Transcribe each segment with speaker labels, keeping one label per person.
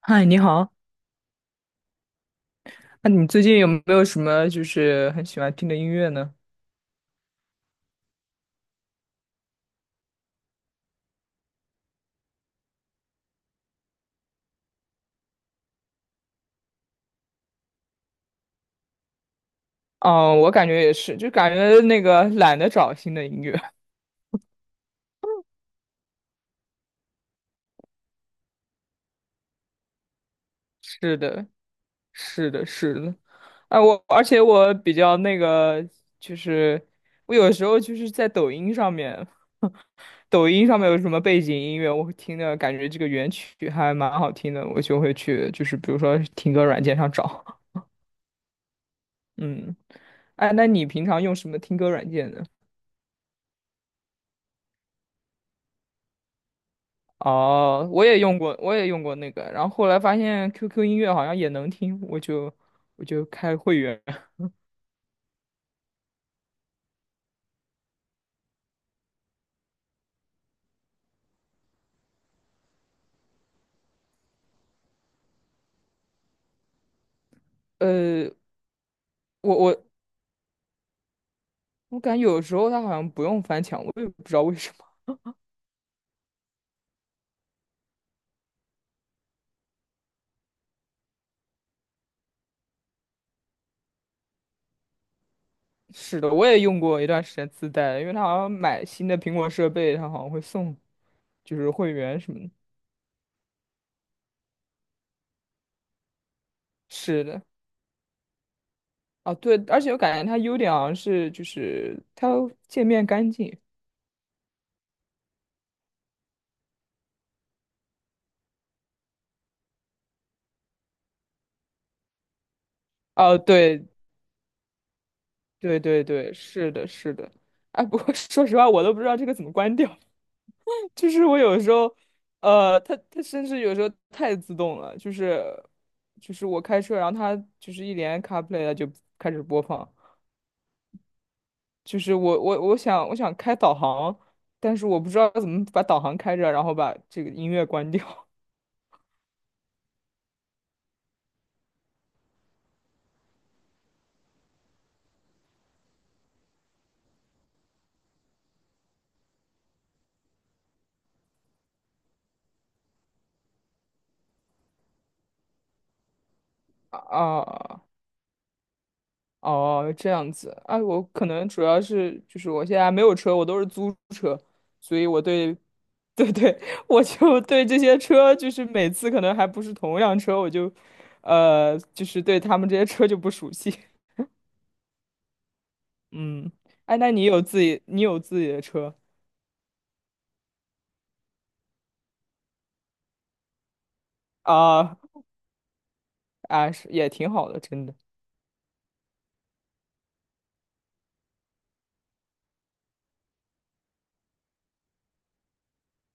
Speaker 1: 嗨，你好。那你最近有没有什么就是很喜欢听的音乐呢？哦，我感觉也是，就感觉那个懒得找新的音乐。是的，是的，是的。啊，而且我比较那个，就是我有时候就是在抖音上面，抖音上面有什么背景音乐，我会听的感觉这个原曲还蛮好听的，我就会去就是比如说听歌软件上找。嗯，哎，那你平常用什么听歌软件呢？哦，我也用过那个，然后后来发现 QQ 音乐好像也能听，我就开会员。呃，我我我感觉有时候它好像不用翻墙，我也不知道为什么。是的，我也用过一段时间自带的，因为它好像买新的苹果设备，它好像会送就是会员什么的。是的，哦对，而且我感觉它优点好像是就是它界面干净。哦，对对对对，是的，是的。哎，不过 说实话，我都不知道这个怎么关掉。就是我有时候，它甚至有时候太自动了，就是我开车，然后它就是一连 CarPlay 了就开始播放，就是我想开导航，但是我不知道怎么把导航开着，然后把这个音乐关掉 啊。哦，这样子啊，我可能主要是就是我现在没有车，我都是租车，所以我对，对对，我就对这些车，就是每次可能还不是同一辆车，我就，就是对他们这些车就不熟悉。嗯，哎，那你有自己的车啊？啊，是也挺好的，真的。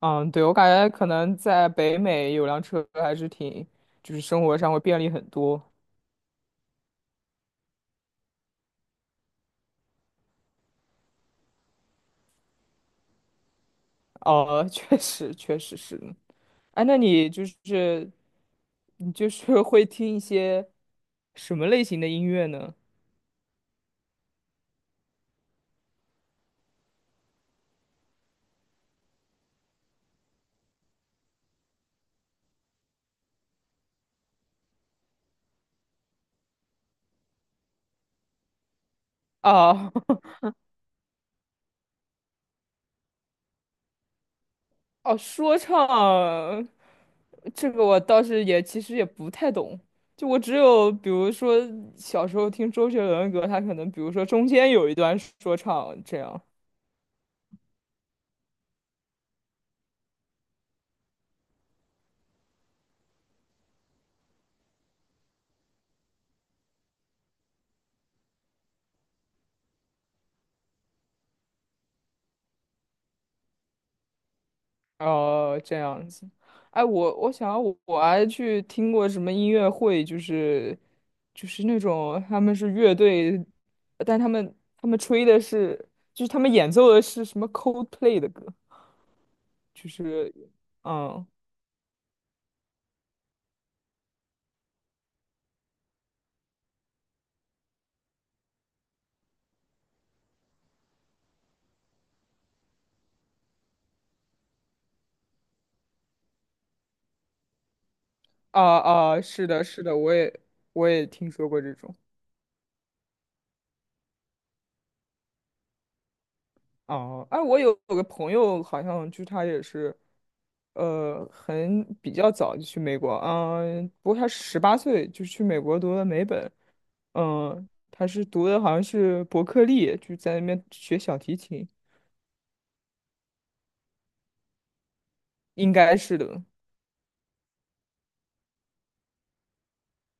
Speaker 1: 嗯，对，我感觉可能在北美有辆车还是挺，就是生活上会便利很多。哦，确实，确实是。哎，那你就是会听一些什么类型的音乐呢？啊，哦，说唱这个我倒是也其实也不太懂，就我只有比如说小时候听周杰伦的歌，他可能比如说中间有一段说唱这样。哦，这样子。哎，我想我还去听过什么音乐会，就是那种他们是乐队，但他们演奏的是什么 Coldplay 的歌，就是嗯啊啊，是的，是的，我也听说过这种。哦，哎，我有个朋友，好像就是他也是，很比较早就去美国，嗯，不过他18岁就去美国读了美本。嗯，他是读的好像是伯克利，就在那边学小提琴，应该是的。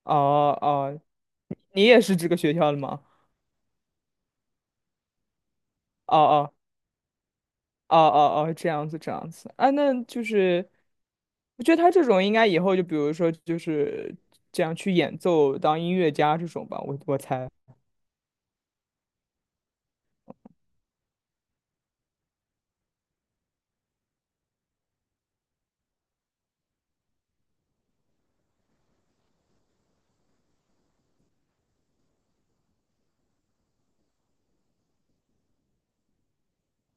Speaker 1: 哦哦，你也是这个学校的吗？哦哦哦哦哦，这样子这样子啊，那就是，我觉得他这种应该以后就比如说就是这样去演奏当音乐家这种吧，我猜。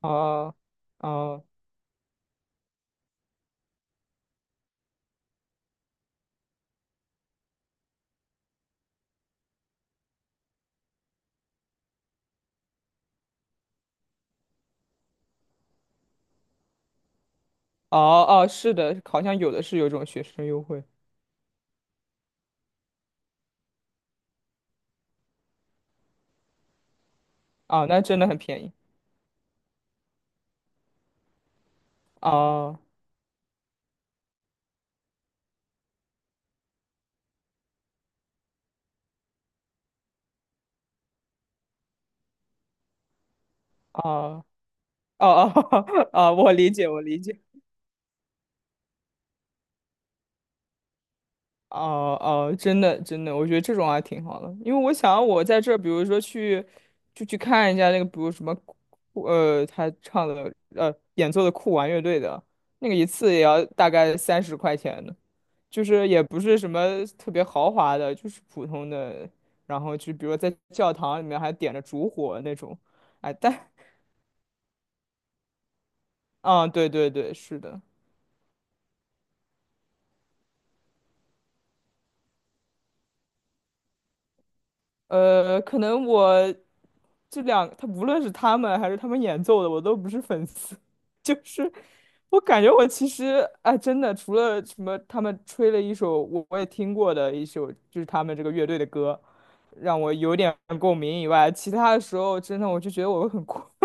Speaker 1: 哦哦哦哦，是的，好像有的是有这种学生优惠啊，那真的很便宜。啊啊啊啊 哦，我理解我理解。哦哦，真的真的，我觉得这种还挺好的，因为我想我在这儿，比如说就去看一下那个，比如什么酷呃，他唱的呃演奏的酷玩乐队的那个一次也要大概30块钱的，就是也不是什么特别豪华的，就是普通的，然后就比如在教堂里面还点着烛火那种，哎，但啊，对对对，是的。可能我他无论是他们还是他们演奏的，我都不是粉丝。就是我感觉我其实，哎，真的，除了什么他们吹了一首我也听过的一首，就是他们这个乐队的歌，让我有点共鸣以外，其他的时候真的我就觉得我很困，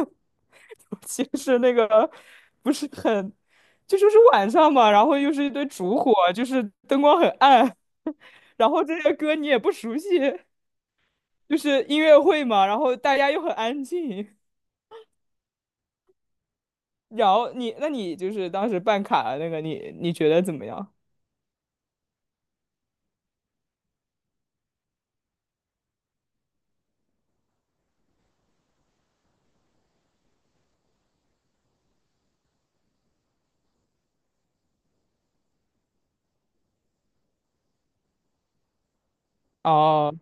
Speaker 1: 尤其是那个不是很，就说是晚上嘛，然后又是一堆烛火，就是灯光很暗，然后这些歌你也不熟悉。就是音乐会嘛，然后大家又很安静。然后你，那你就是当时办卡的那个，你觉得怎么样？哦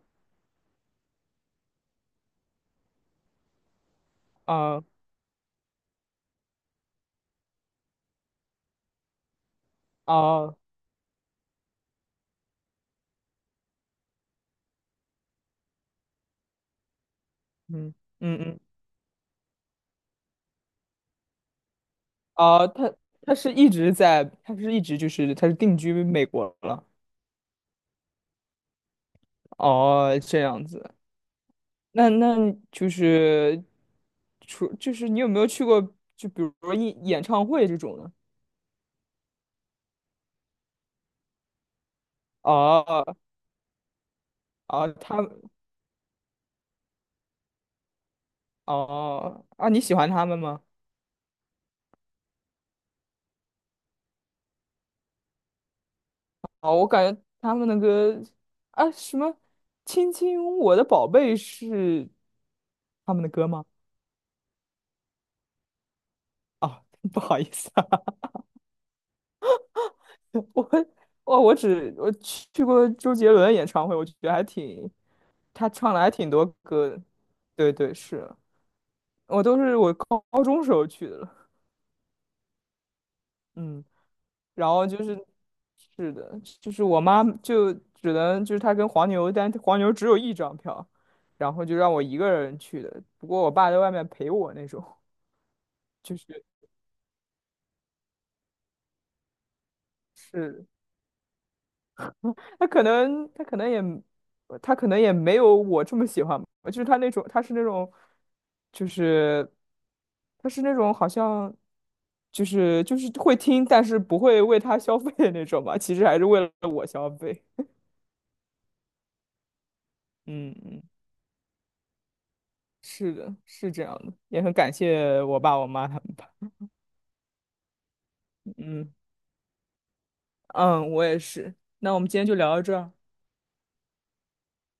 Speaker 1: 哦哦，嗯嗯嗯，哦，他他是一直在，他是一直就是他是定居美国了。哦，这样子，那就是你有没有去过，就比如说演唱会这种的？哦哦，他们哦啊，你喜欢他们吗？哦，我感觉他们的歌啊什么《亲亲我的宝贝》是他们的歌吗？啊，不好意思啊，我我去过周杰伦演唱会，我觉得还挺，他唱的还挺多歌的。对对，是我都是我高中时候去的了，嗯，然后就是是的，就是我妈就只能就是她跟黄牛，但黄牛只有一张票，然后就让我一个人去的，不过我爸在外面陪我那种。就是是他可能他可能也他可能也没有我这么喜欢吧就是就是他是那种好像就是会听，但是不会为他消费的那种吧，其实还是为了我消费。嗯嗯，是的，是这样的，也很感谢我爸我妈他们吧。嗯嗯，我也是。那我们今天就聊到这儿。